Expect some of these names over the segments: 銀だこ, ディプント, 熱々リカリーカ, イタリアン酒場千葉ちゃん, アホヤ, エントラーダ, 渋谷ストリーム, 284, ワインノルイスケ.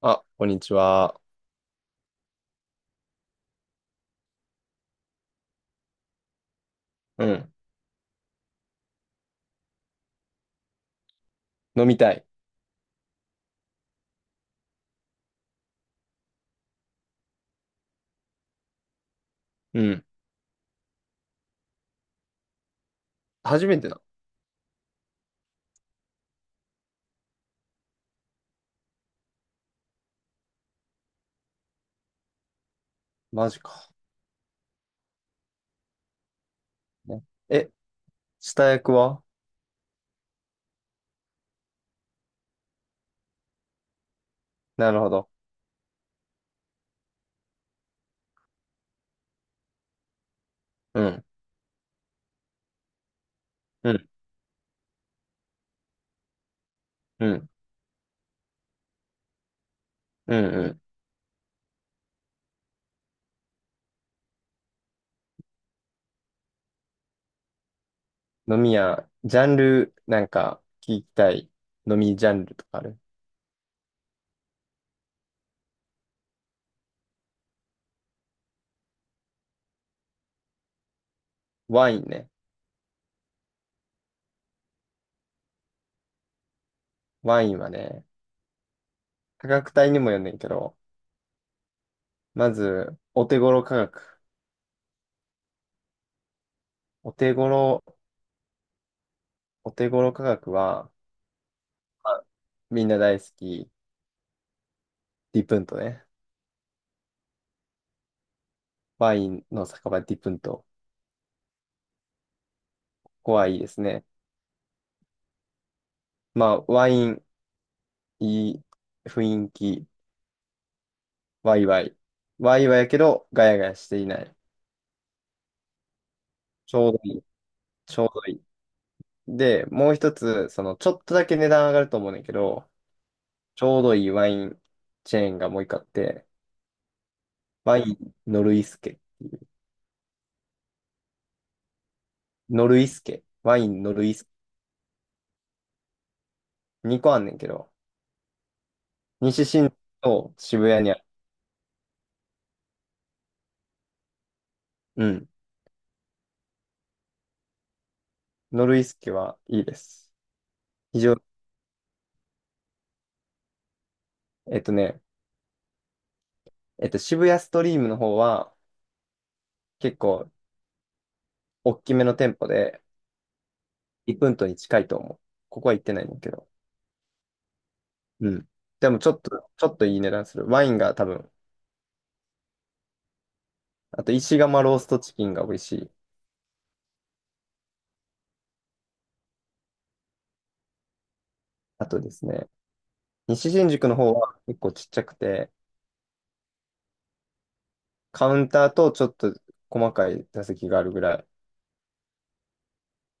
あ、こんにちは。うん。飲みたい。うん。初めてだ。マジか。ねえ、下役は？なるほど。うん。うん。うん。うんうん。飲み屋、ジャンル、なんか、聞きたい飲みジャンルとかある？ワインね。ワインはね、価格帯にもよんねんけど、まず、お手頃価格。お手頃、お手頃価格は、まあみんな大好き、ディプントね。ワインの酒場ディプント。ここはいいですね。まあ、ワイン、いい雰囲気、ワイワイ。ワイワイやけど、ガヤガヤしていない。ちょうどいい。ちょうどいい。で、もう一つ、その、ちょっとだけ値段上がると思うねんだけど、ちょうどいいワインチェーンがもう一個あって、ワインノルイスケ。ノルイスケ。ワインノルイスケ。2個あんねんけど、西新宿と渋谷にある。うん。ノルイスケはいいです。非常に、えっとね、えっと、渋谷ストリームの方は、結構、大きめの店舗で、リプントに近いと思う。ここは行ってないねんだけど。うん。でもちょっといい値段する。ワインが多分、あと石窯ローストチキンが美味しい。あとですね、西新宿の方は結構ちっちゃくて、カウンターとちょっと細かい座席があるぐらい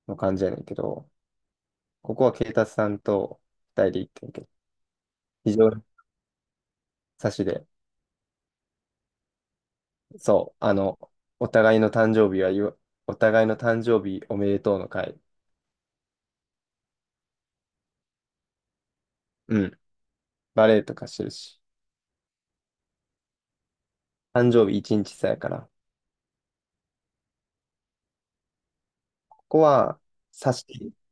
の感じやねんけど、ここは警察さんと二人で行ってんけど、非常に差しで、そう、お互いの誕生日は言わ、お互いの誕生日おめでとうの会。うん。バレエとかしてるし、誕生日一日差やから。ここは、サシ、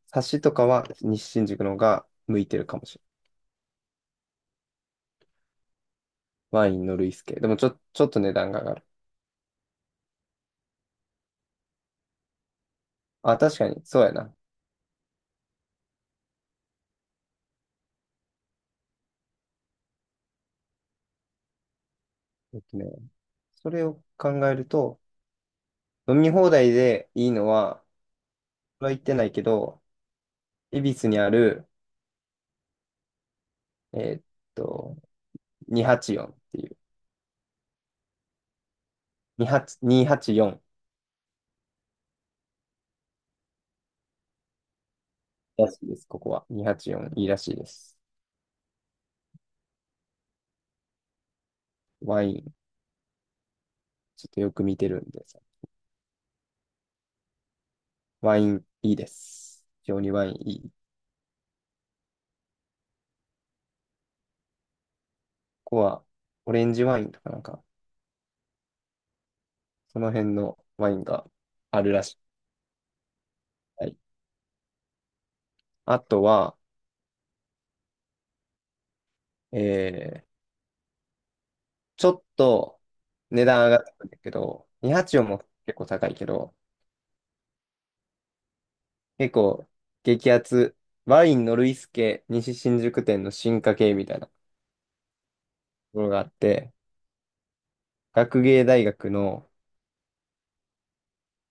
サシとかは西新宿の方が向いてるかもしれない。ワインのルイス系。でもちょっと値段が上がる。あ、確かに、そうやな。えっとね、それを考えると、飲み放題でいいのは、これは言ってないけど、恵比寿にある、えーっと、284っていう、28 284らしいです、ここは。284いいらしいです。ワイン、ちょっとよく見てるんでさ。ワインいいです。非常にワインいい。ここは、オレンジワインとかなんか、その辺のワインがあるらしい。はい、あとは、えー、ちょっと値段上がってくるんだけど、284も結構高いけど、結構激アツ、ワインノルイスケ西新宿店の進化系みたいなところがあって、学芸大学の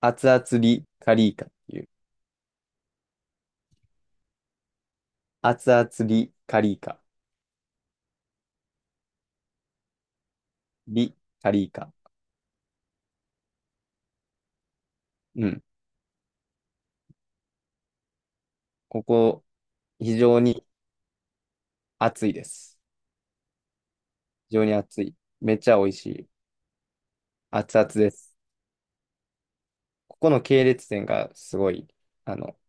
熱々リカリーカっていう、熱々リカリーカ、リカリーカ。うん。ここ、非常に暑いです。非常に暑い。めっちゃ美味しい。熱々です。ここの系列店がすごい、あの、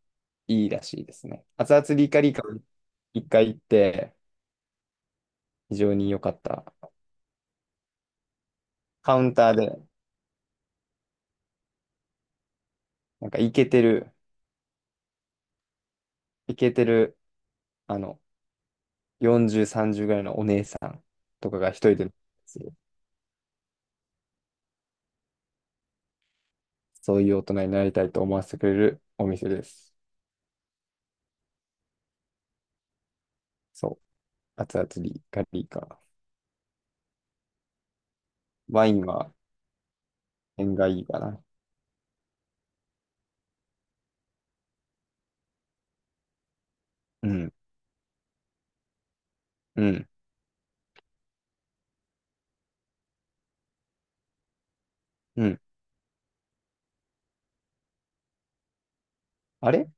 いいらしいですね。熱々リカリカを一回行って、非常に良かった。カウンターで、なんかイケてる、あの、40、30ぐらいのお姉さんとかが一人でする。そういう大人になりたいと思わせてくれるお店です。そう。熱々リカリカ。ワインは縁がいいかな。うん、うん、うん。あれ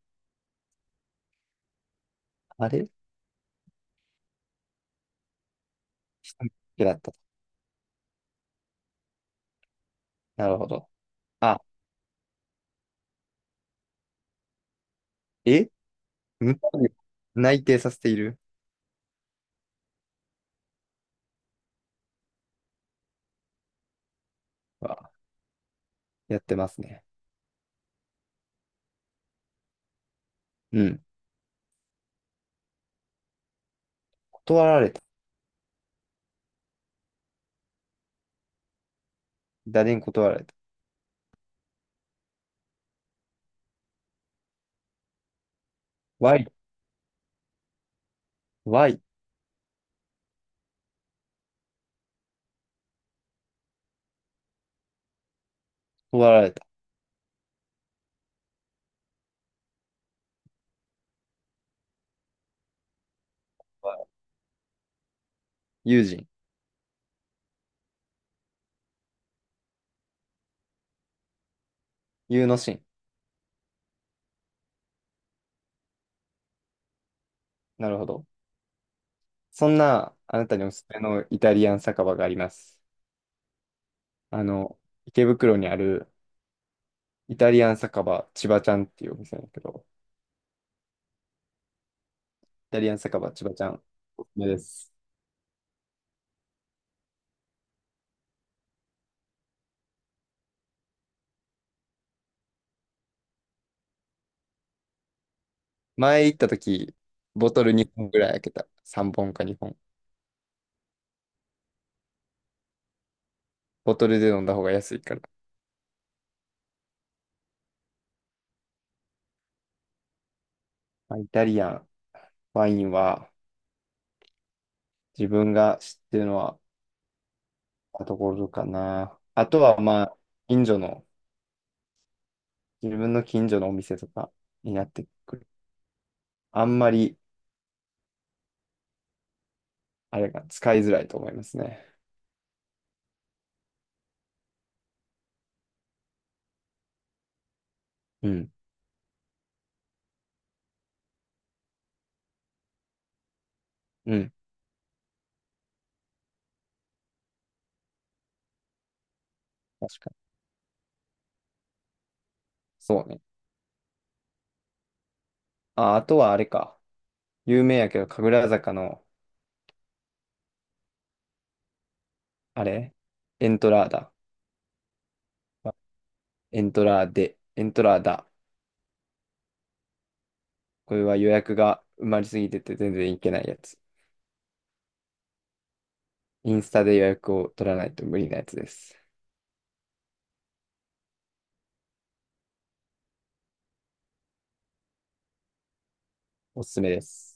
あれ一人だけだった。なるほど。あ、え無駄に内定させているは、やってますね。うん。断られた。誰に断られた ?Y、Y、断られた。友人、友の心。なるほど。そんな、あなたにおすすめのイタリアン酒場があります。あの、池袋にあるイタリアン酒場千葉ちゃんっていうお店なんだけど、イタリアン酒場千葉ちゃん、おすすめです。前行った時、ボトル2本ぐらい開けた。3本か2本。ボトルで飲んだ方が安いから。まあイタリアン、ワインは、自分が知ってるのは、ところかな。あとは、まあ、近所の、自分の近所のお店とかになってくる。あんまり、あれが使いづらいと思いますね。うん。うん。確かに。そうね。あ、あとはあれか。有名やけど、神楽坂の、あれエントラーダ。エントラーデ。エントラーダ。これは予約が埋まりすぎてて全然いけないやつ。インスタで予約を取らないと無理なやつです。おすすめです。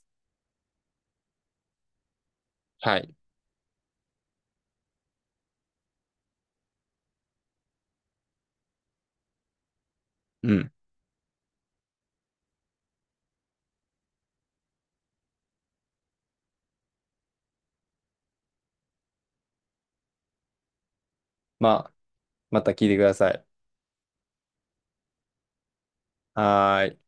はい。うん。まあ、また聞いてください。はーい。